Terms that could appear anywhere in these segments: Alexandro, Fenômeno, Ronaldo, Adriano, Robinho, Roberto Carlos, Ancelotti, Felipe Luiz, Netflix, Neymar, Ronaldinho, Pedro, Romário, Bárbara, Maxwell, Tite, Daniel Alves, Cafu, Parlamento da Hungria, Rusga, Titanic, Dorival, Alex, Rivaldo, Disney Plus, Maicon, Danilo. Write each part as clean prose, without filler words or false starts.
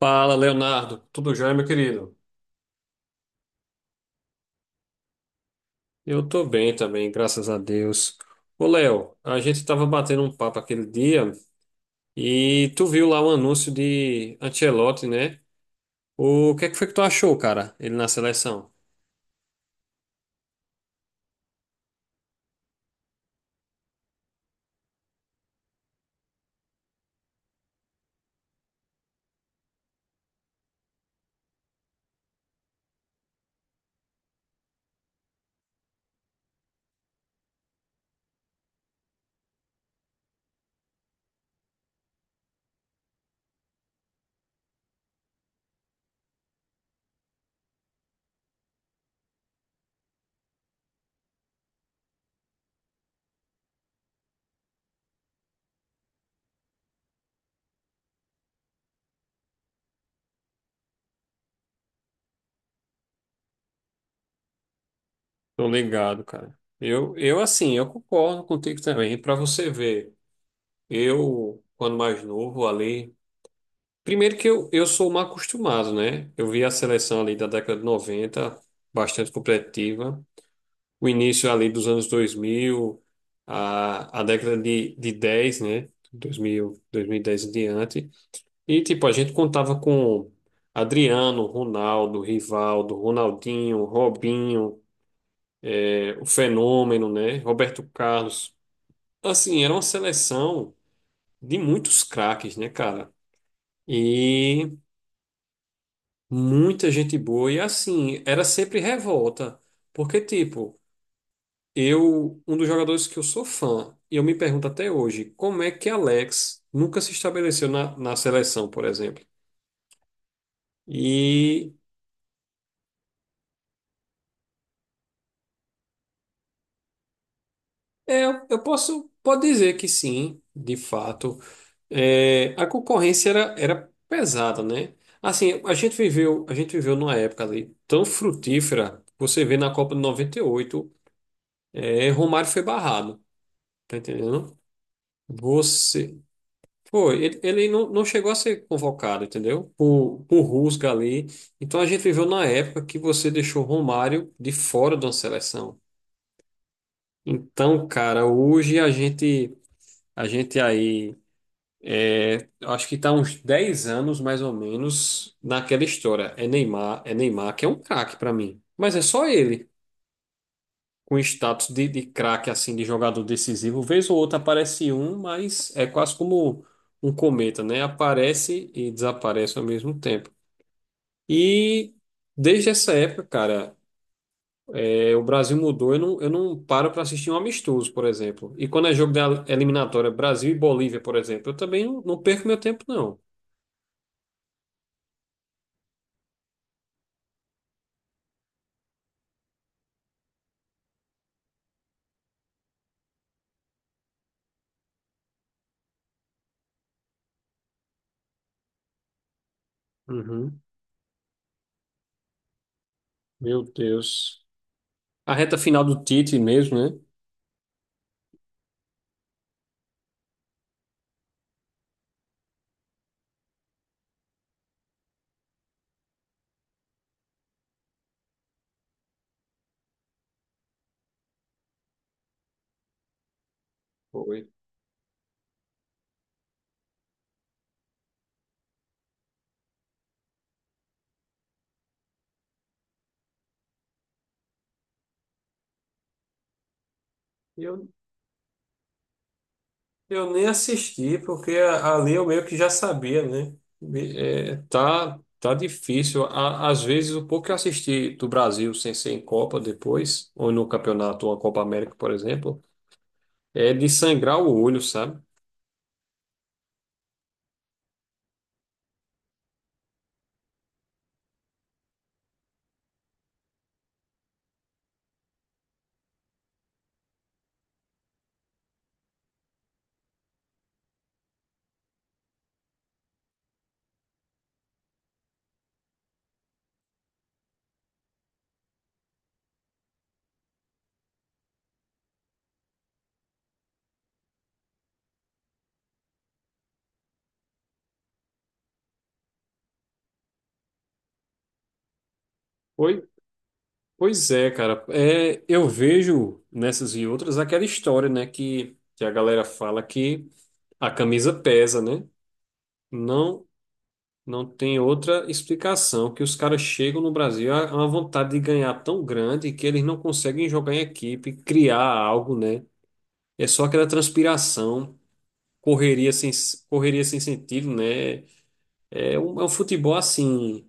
Fala, Leonardo. Tudo jóia, meu querido? Eu tô bem também, graças a Deus. Ô, Léo, a gente tava batendo um papo aquele dia e tu viu lá o anúncio de Ancelotti, né? O que é que foi que tu achou, cara? Ele na seleção? Tô ligado, cara. Eu assim, eu concordo contigo também. Pra você ver, eu, quando mais novo ali. Primeiro que eu sou mal acostumado, né? Eu vi a seleção ali da década de 90, bastante competitiva. O início ali dos anos dois mil, a década de dez, né? 2000, dez em diante. E, tipo, a gente contava com Adriano, Ronaldo, Rivaldo, Ronaldinho, Robinho, o Fenômeno, né? Roberto Carlos. Assim, era uma seleção de muitos craques, né, cara? E muita gente boa. E, assim, era sempre revolta. Porque, tipo, eu, um dos jogadores que eu sou fã, e eu me pergunto até hoje, como é que Alex nunca se estabeleceu na seleção, por exemplo? E é, eu posso, pode dizer que sim, de fato. É, a concorrência era pesada, né? Assim, a gente viveu numa época ali tão frutífera, você vê na Copa de 98, é, Romário foi barrado, tá entendendo? Você, foi, ele, ele não chegou a ser convocado, entendeu? Por Rusga ali. Então a gente viveu na época que você deixou Romário de fora da seleção. Então, cara, hoje a gente aí, é, acho que está uns 10 anos mais ou menos naquela história. É Neymar, que é um craque para mim. Mas é só ele. Com status de craque, assim, de jogador decisivo. Vez ou outra aparece um, mas é quase como um cometa, né? Aparece e desaparece ao mesmo tempo. E desde essa época, cara, é, o Brasil mudou. Eu não paro para assistir um amistoso, por exemplo. E quando é jogo da eliminatória, Brasil e Bolívia, por exemplo, eu também não perco meu tempo, não. Uhum. Meu Deus. A reta final do Tite mesmo, né? Foi. E eu Eu nem assisti, porque ali eu meio que já sabia, né? É, tá difícil. Á- Às vezes, o pouco que eu assisti do Brasil sem ser em Copa depois, ou no campeonato, ou a Copa América, por exemplo, é de sangrar o olho, sabe? Pois, pois é, cara. É, eu vejo nessas e outras aquela história, né? Que a galera fala que a camisa pesa, né? Não, não tem outra explicação que os caras chegam no Brasil a uma vontade de ganhar tão grande que eles não conseguem jogar em equipe, criar algo, né? É só aquela transpiração, correria sem, correria sem sentido, né? É um futebol assim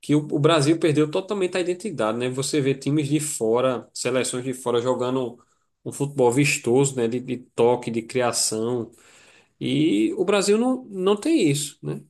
que o Brasil perdeu totalmente a identidade, né? Você vê times de fora, seleções de fora jogando um futebol vistoso, né? De toque, de criação. E o Brasil não tem isso, né?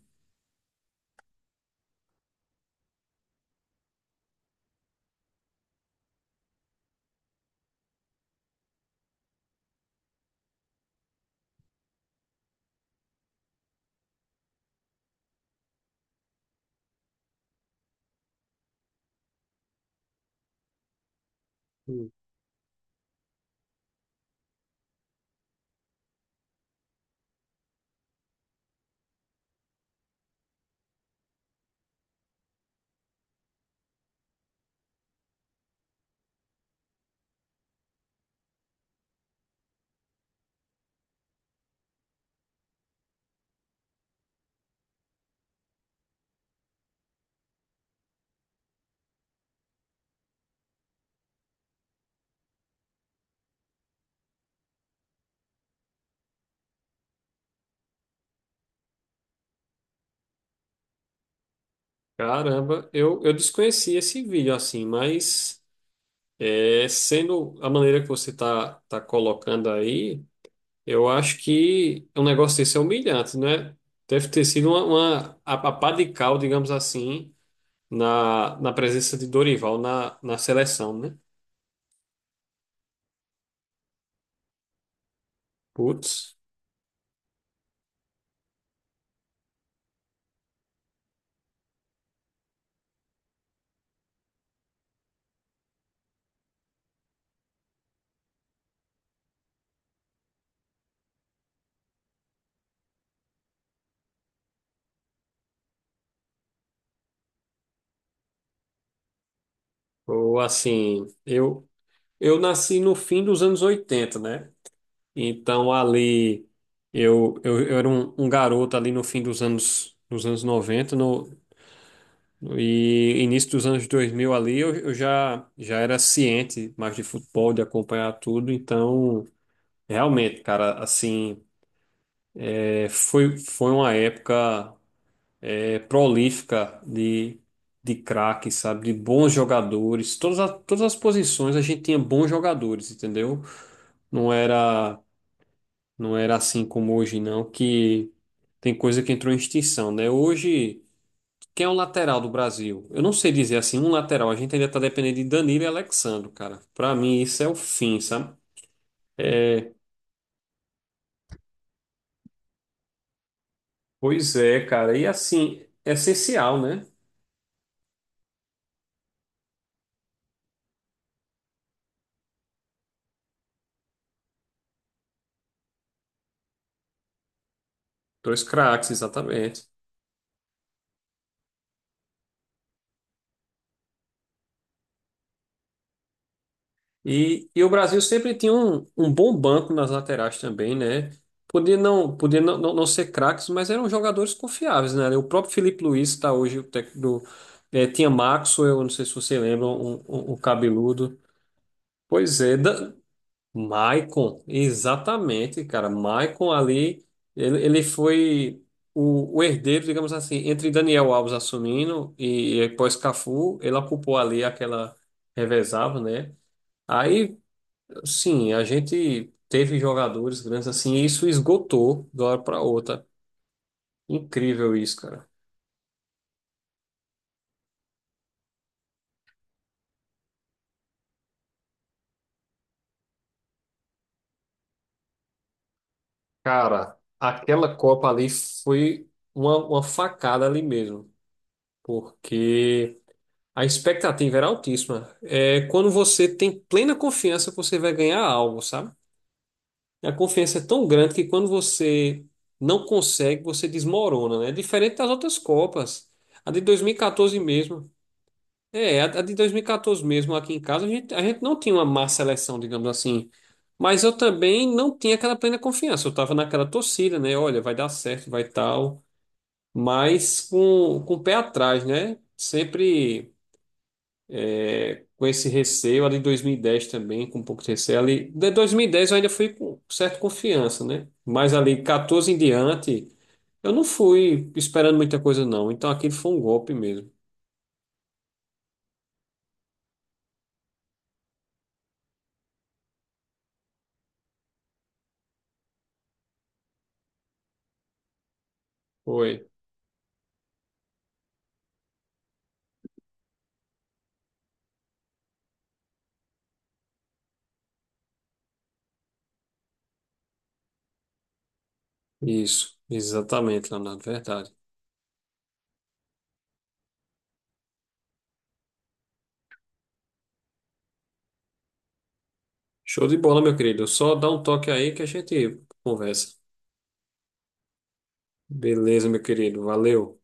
Caramba, eu desconheci esse vídeo assim, mas é, sendo a maneira que você tá colocando aí, eu acho que um negócio desse é humilhante, né? Deve ter sido uma a pá de cal, digamos assim, na presença de Dorival na seleção, né? Putz, ou assim, eu nasci no fim dos anos oitenta, né? Então ali. Eu era um, um garoto ali no fim dos anos noventa, no, e início dos anos 2000 ali, eu já, já era ciente mais de futebol, de acompanhar tudo. Então, realmente, cara, assim, é, foi, foi uma época é, prolífica de craques, sabe? De bons jogadores. Todas, a- todas as posições a gente tinha bons jogadores, entendeu? Não era, não era assim como hoje, não, que tem coisa que entrou em extinção, né? Hoje. Quem é o lateral do Brasil? Eu não sei dizer assim, um lateral. A gente ainda tá dependendo de Danilo e Alexandro, cara. Pra mim, isso é o fim, sabe? Pois é, cara. E assim, é essencial, né? Dois craques, exatamente. E o Brasil sempre tinha um, um bom banco nas laterais também, né? Podia não ser craques, mas eram jogadores confiáveis, né? O próprio Felipe Luiz está hoje, o técnico do. Tinha Maxwell, eu não sei se você lembra, o um cabeludo. Pois é, Da- Maicon, exatamente, cara. Maicon ali, ele foi o herdeiro, digamos assim, entre Daniel Alves assumindo e pós Cafu, ele ocupou ali aquela revezava, né? Aí, sim, a gente teve jogadores grandes assim, e isso esgotou de uma hora para outra. Incrível isso, cara. Cara, aquela Copa ali foi uma facada ali mesmo, porque a expectativa era altíssima. É quando você tem plena confiança que você vai ganhar algo, sabe? A confiança é tão grande que quando você não consegue, você desmorona, né? Diferente das outras Copas. A de 2014 mesmo. É, a de 2014 mesmo, aqui em casa, a gente não tinha uma má seleção, digamos assim. Mas eu também não tinha aquela plena confiança. Eu tava naquela torcida, né? Olha, vai dar certo, vai tal. Mas com o pé atrás, né? Sempre. Com esse receio ali em 2010 também, com um pouco de receio ali. De 2010 eu ainda fui com certa confiança, né? Mas ali 14 em diante, eu não fui esperando muita coisa, não. Então aquilo foi um golpe mesmo. Foi. Isso, exatamente, Leonardo, verdade. Show de bola, meu querido. Só dá um toque aí que a gente conversa. Beleza, meu querido. Valeu.